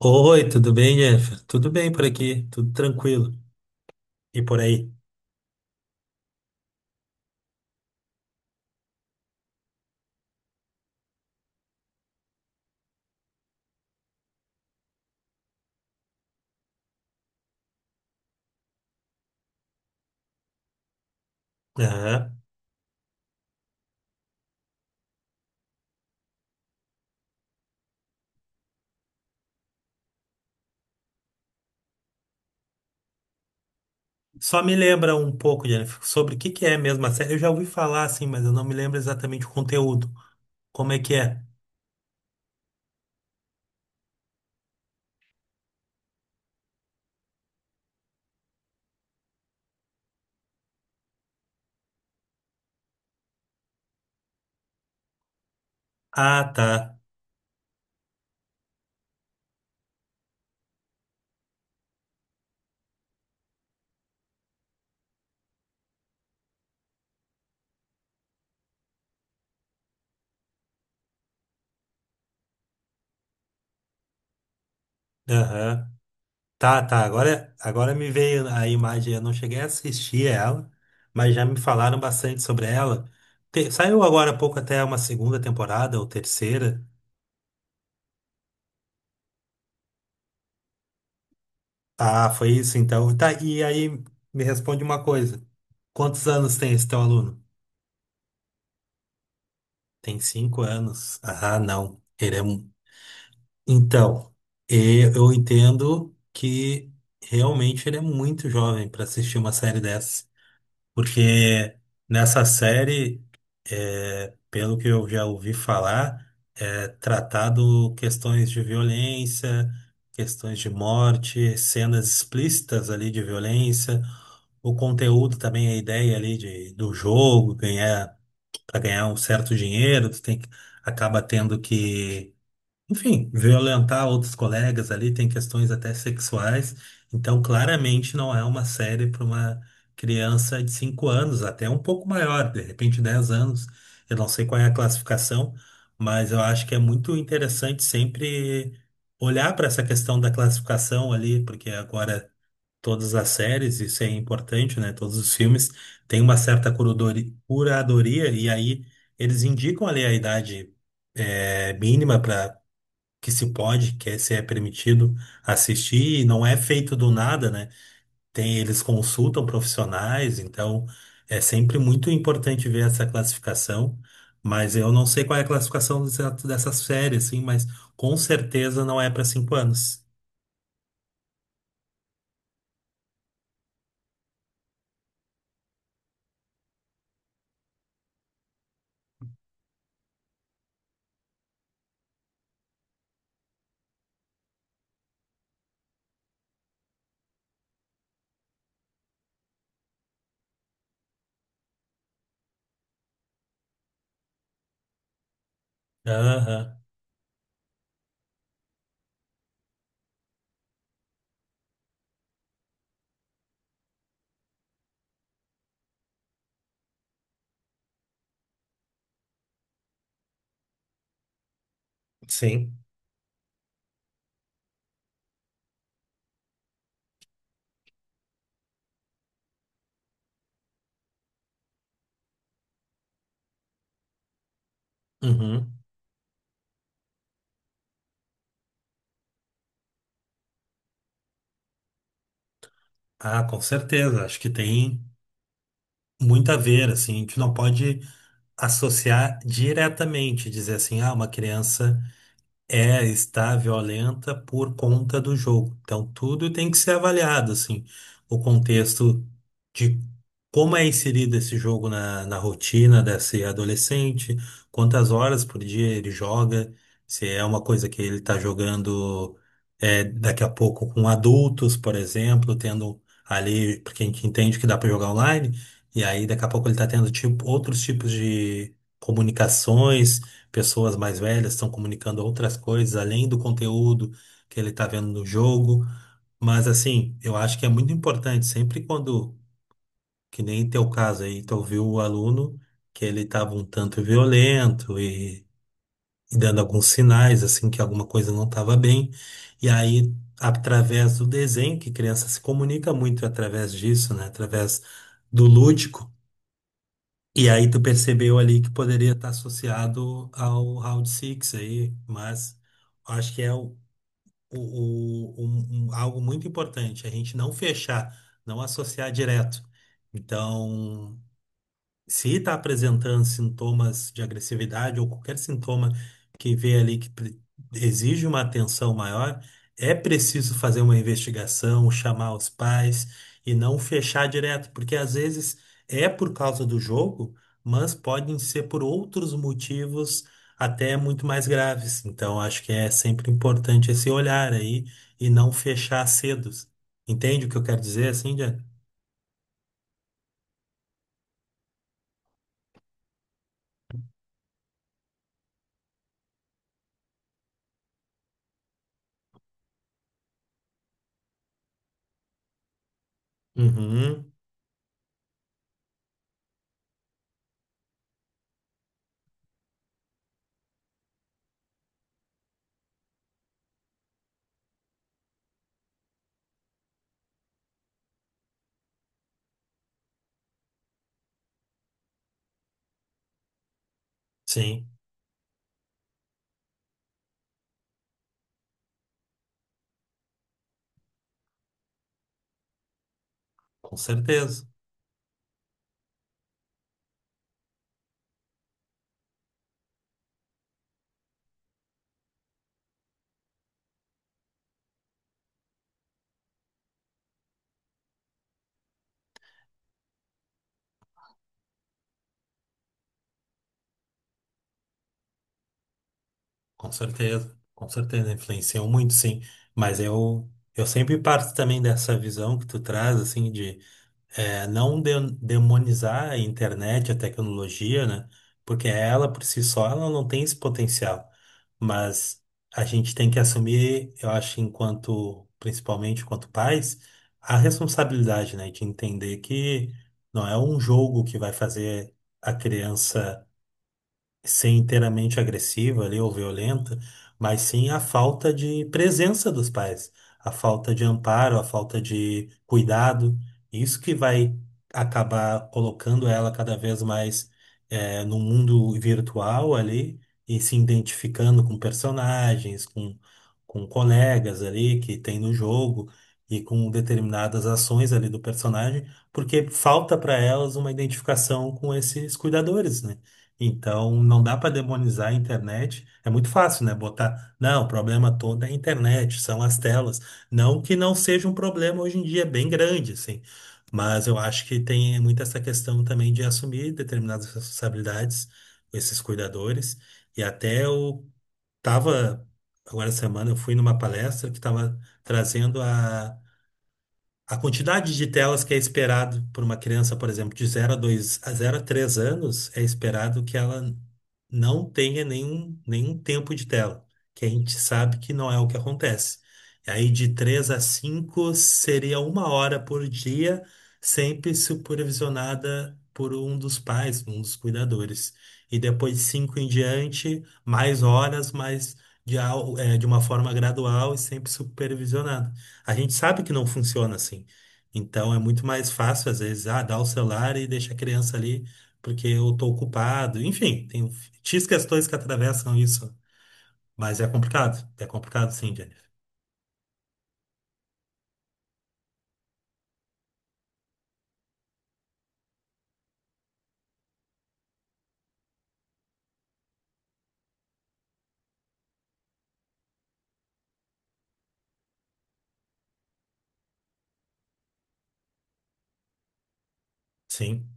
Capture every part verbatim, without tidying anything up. Oi, tudo bem, Jennifer? Tudo bem por aqui, tudo tranquilo. E por aí? Aham. Só me lembra um pouco, Jennifer, sobre o que que é mesmo a série. Eu já ouvi falar assim, mas eu não me lembro exatamente o conteúdo. Como é que é? Ah, tá. Aham. Tá, tá. Agora, agora me veio a imagem. Eu não cheguei a assistir ela, mas já me falaram bastante sobre ela. Te- saiu agora há pouco até uma segunda temporada ou terceira. Ah, foi isso então. Tá, e aí me responde uma coisa. Quantos anos tem esse teu aluno? Tem cinco anos. Ah, não. Ele é... um- Então, e- eu entendo que realmente ele é muito jovem para assistir uma série dessa. Porque nessa série, é, pelo que eu já ouvi falar, é tratado questões de violência, questões de morte, cenas explícitas ali de violência. O conteúdo também, a ideia ali de, do jogo, ganhar, para ganhar um certo dinheiro, tu tem que, acaba tendo que, enfim, violentar outros colegas ali, tem questões até sexuais. Então, claramente não é uma série para uma criança de cinco anos, até um pouco maior, de repente dez anos. Eu não sei qual é a classificação, mas eu acho que é muito interessante sempre olhar para essa questão da classificação ali, porque agora todas as séries, isso é importante, né? Todos os filmes têm uma certa curadori- curadoria e aí eles indicam ali a idade eh, mínima para que se pode, que é, se é permitido assistir, e não é feito do nada, né? Tem, eles consultam profissionais, então é sempre muito importante ver essa classificação. Mas eu não sei qual é a classificação exata dessa série, assim, mas com certeza não é para cinco anos. Aham, sim. Uhum. Ah, com certeza. Acho que tem muito a ver, assim, a gente não pode associar diretamente, dizer assim, ah, uma criança é, está violenta por conta do jogo. Então, tudo tem que ser avaliado, assim, o contexto de como é inserido esse jogo na, na rotina desse adolescente, quantas horas por dia ele joga, se é uma coisa que ele está jogando é, daqui a pouco com adultos, por exemplo, tendo ali, porque a gente entende que dá para jogar online, e aí daqui a pouco ele está tendo tipo, outros tipos de comunicações, pessoas mais velhas estão comunicando outras coisas além do conteúdo que ele está vendo no jogo. Mas assim, eu acho que é muito importante sempre quando, que nem teu caso aí, tu ouviu o aluno que ele estava um tanto violento e, e dando alguns sinais assim que alguma coisa não estava bem. E aí, através do desenho, que criança se comunica muito através disso, né? Através do lúdico. E aí tu percebeu ali que poderia estar associado ao Round six aí, mas acho que é o, o- o- um- um- algo muito importante, a gente não fechar, não associar direto. Então, se está apresentando sintomas de agressividade ou qualquer sintoma que vê ali que pre- exige uma atenção maior, é preciso fazer uma investigação, chamar os pais e não fechar direto, porque às vezes é por causa do jogo, mas podem ser por outros motivos até muito mais graves. Então, acho que é sempre importante esse olhar aí e não fechar cedo. Entende o que eu quero dizer, assim, Diana? Uhum, sim, com certeza. Com certeza, com certeza, influenciou muito, sim. Mas eu, eu sempre parto também dessa visão que tu traz, assim, de eh, não de- demonizar a internet, a tecnologia, né? Porque ela, por si só, ela não tem esse potencial. Mas a gente tem que assumir, eu acho, enquanto, principalmente enquanto pais, a responsabilidade, né? De entender que não é um jogo que vai fazer a criança ser inteiramente agressiva ali ou violenta, mas sim a falta de presença dos pais, a falta de amparo, a falta de cuidado. Isso que vai acabar colocando ela cada vez mais eh, no mundo virtual ali e se identificando com personagens, com, com colegas ali que tem no jogo. E com determinadas ações ali do personagem, porque falta para elas uma identificação com esses cuidadores, né? Então, não dá para demonizar a internet. É muito fácil, né? Botar, não, o problema todo é a internet, são as telas. Não que não seja um problema hoje em dia, é bem grande, assim. Mas eu acho que tem muito essa questão também de assumir determinadas responsabilidades, esses cuidadores. E até eu estava, agora essa semana, eu fui numa palestra que estava trazendo a a quantidade de telas que é esperado por uma criança, por exemplo, de zero a dois a zero a três anos, é esperado que ela não tenha nenhum, nenhum tempo de tela, que a gente sabe que não é o que acontece. E aí de três a cinco seria uma hora por dia, sempre supervisionada por um dos pais, um dos cuidadores. E depois de cinco em diante, mais horas, mas de, al- eh, de uma forma gradual e sempre supervisionada. A gente sabe que não funciona assim. Então é muito mais fácil, às vezes, ah, dar o celular e deixar a criança ali porque eu tô ocupado. Enfim, tem X questões que atravessam isso. Mas é complicado. É complicado, sim, Jennifer. Sim,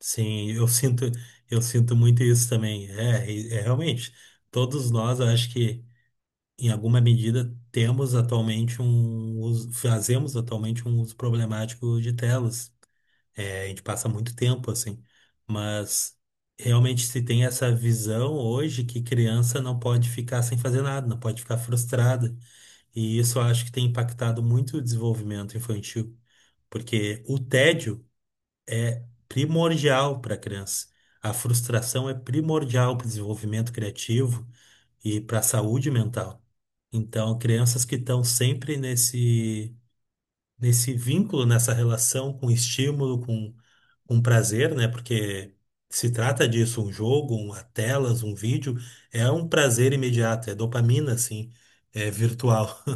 sim, eu sinto, eu sinto muito isso também. É, e- é realmente. Todos nós, eu acho que, em alguma medida, temos atualmente um uso, fazemos atualmente um uso problemático de telas. É, a gente passa muito tempo assim, mas realmente se tem essa visão hoje que criança não pode ficar sem fazer nada, não pode ficar frustrada, e isso eu acho que tem impactado muito o desenvolvimento infantil, porque o tédio é primordial para a criança, a frustração é primordial para o desenvolvimento criativo e para a saúde mental. Então, crianças que estão sempre nesse nesse vínculo, nessa relação com estímulo, com um prazer, né? Porque se trata disso, um jogo, uma telas, um vídeo, é um prazer imediato, é dopamina, assim, é virtual.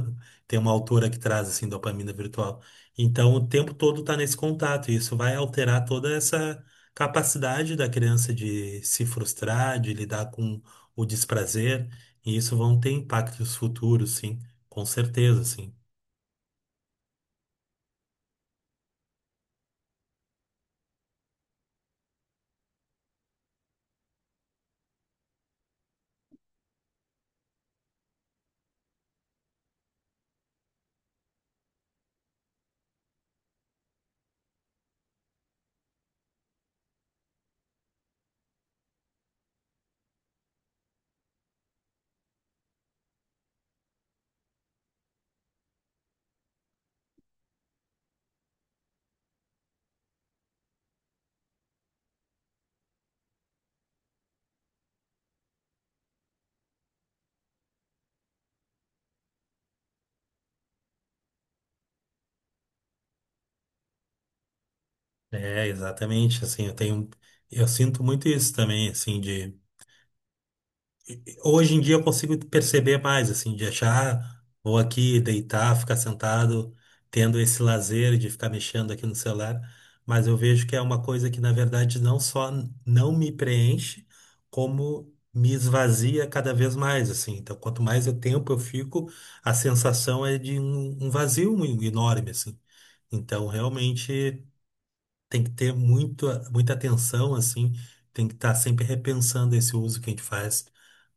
Tem uma autora que traz, assim, dopamina virtual. Então, o tempo todo tá nesse contato, e isso vai alterar toda essa capacidade da criança de se frustrar, de lidar com o desprazer, e isso vão ter impactos futuros, sim, com certeza, sim. É, exatamente, assim, eu tenho, eu sinto muito isso também, assim, de hoje em dia eu consigo perceber mais, assim, de achar, vou aqui deitar, ficar sentado, tendo esse lazer de ficar mexendo aqui no celular, mas eu vejo que é uma coisa que, na verdade, não só não me preenche, como me esvazia cada vez mais, assim. Então, quanto mais eu tempo eu fico, a sensação é de um, um vazio enorme, assim. Então, realmente tem que ter muito, muita atenção, assim, tem que estar sempre repensando esse uso que a gente faz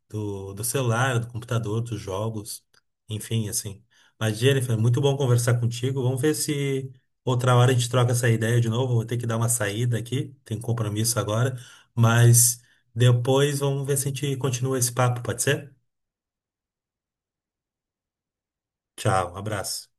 do, do celular, do computador, dos jogos, enfim, assim. Mas, Jennifer, muito bom conversar contigo. Vamos ver se outra hora a gente troca essa ideia de novo. Vou ter que dar uma saída aqui, tem compromisso agora, mas depois vamos ver se a gente continua esse papo, pode ser? Tchau, um abraço.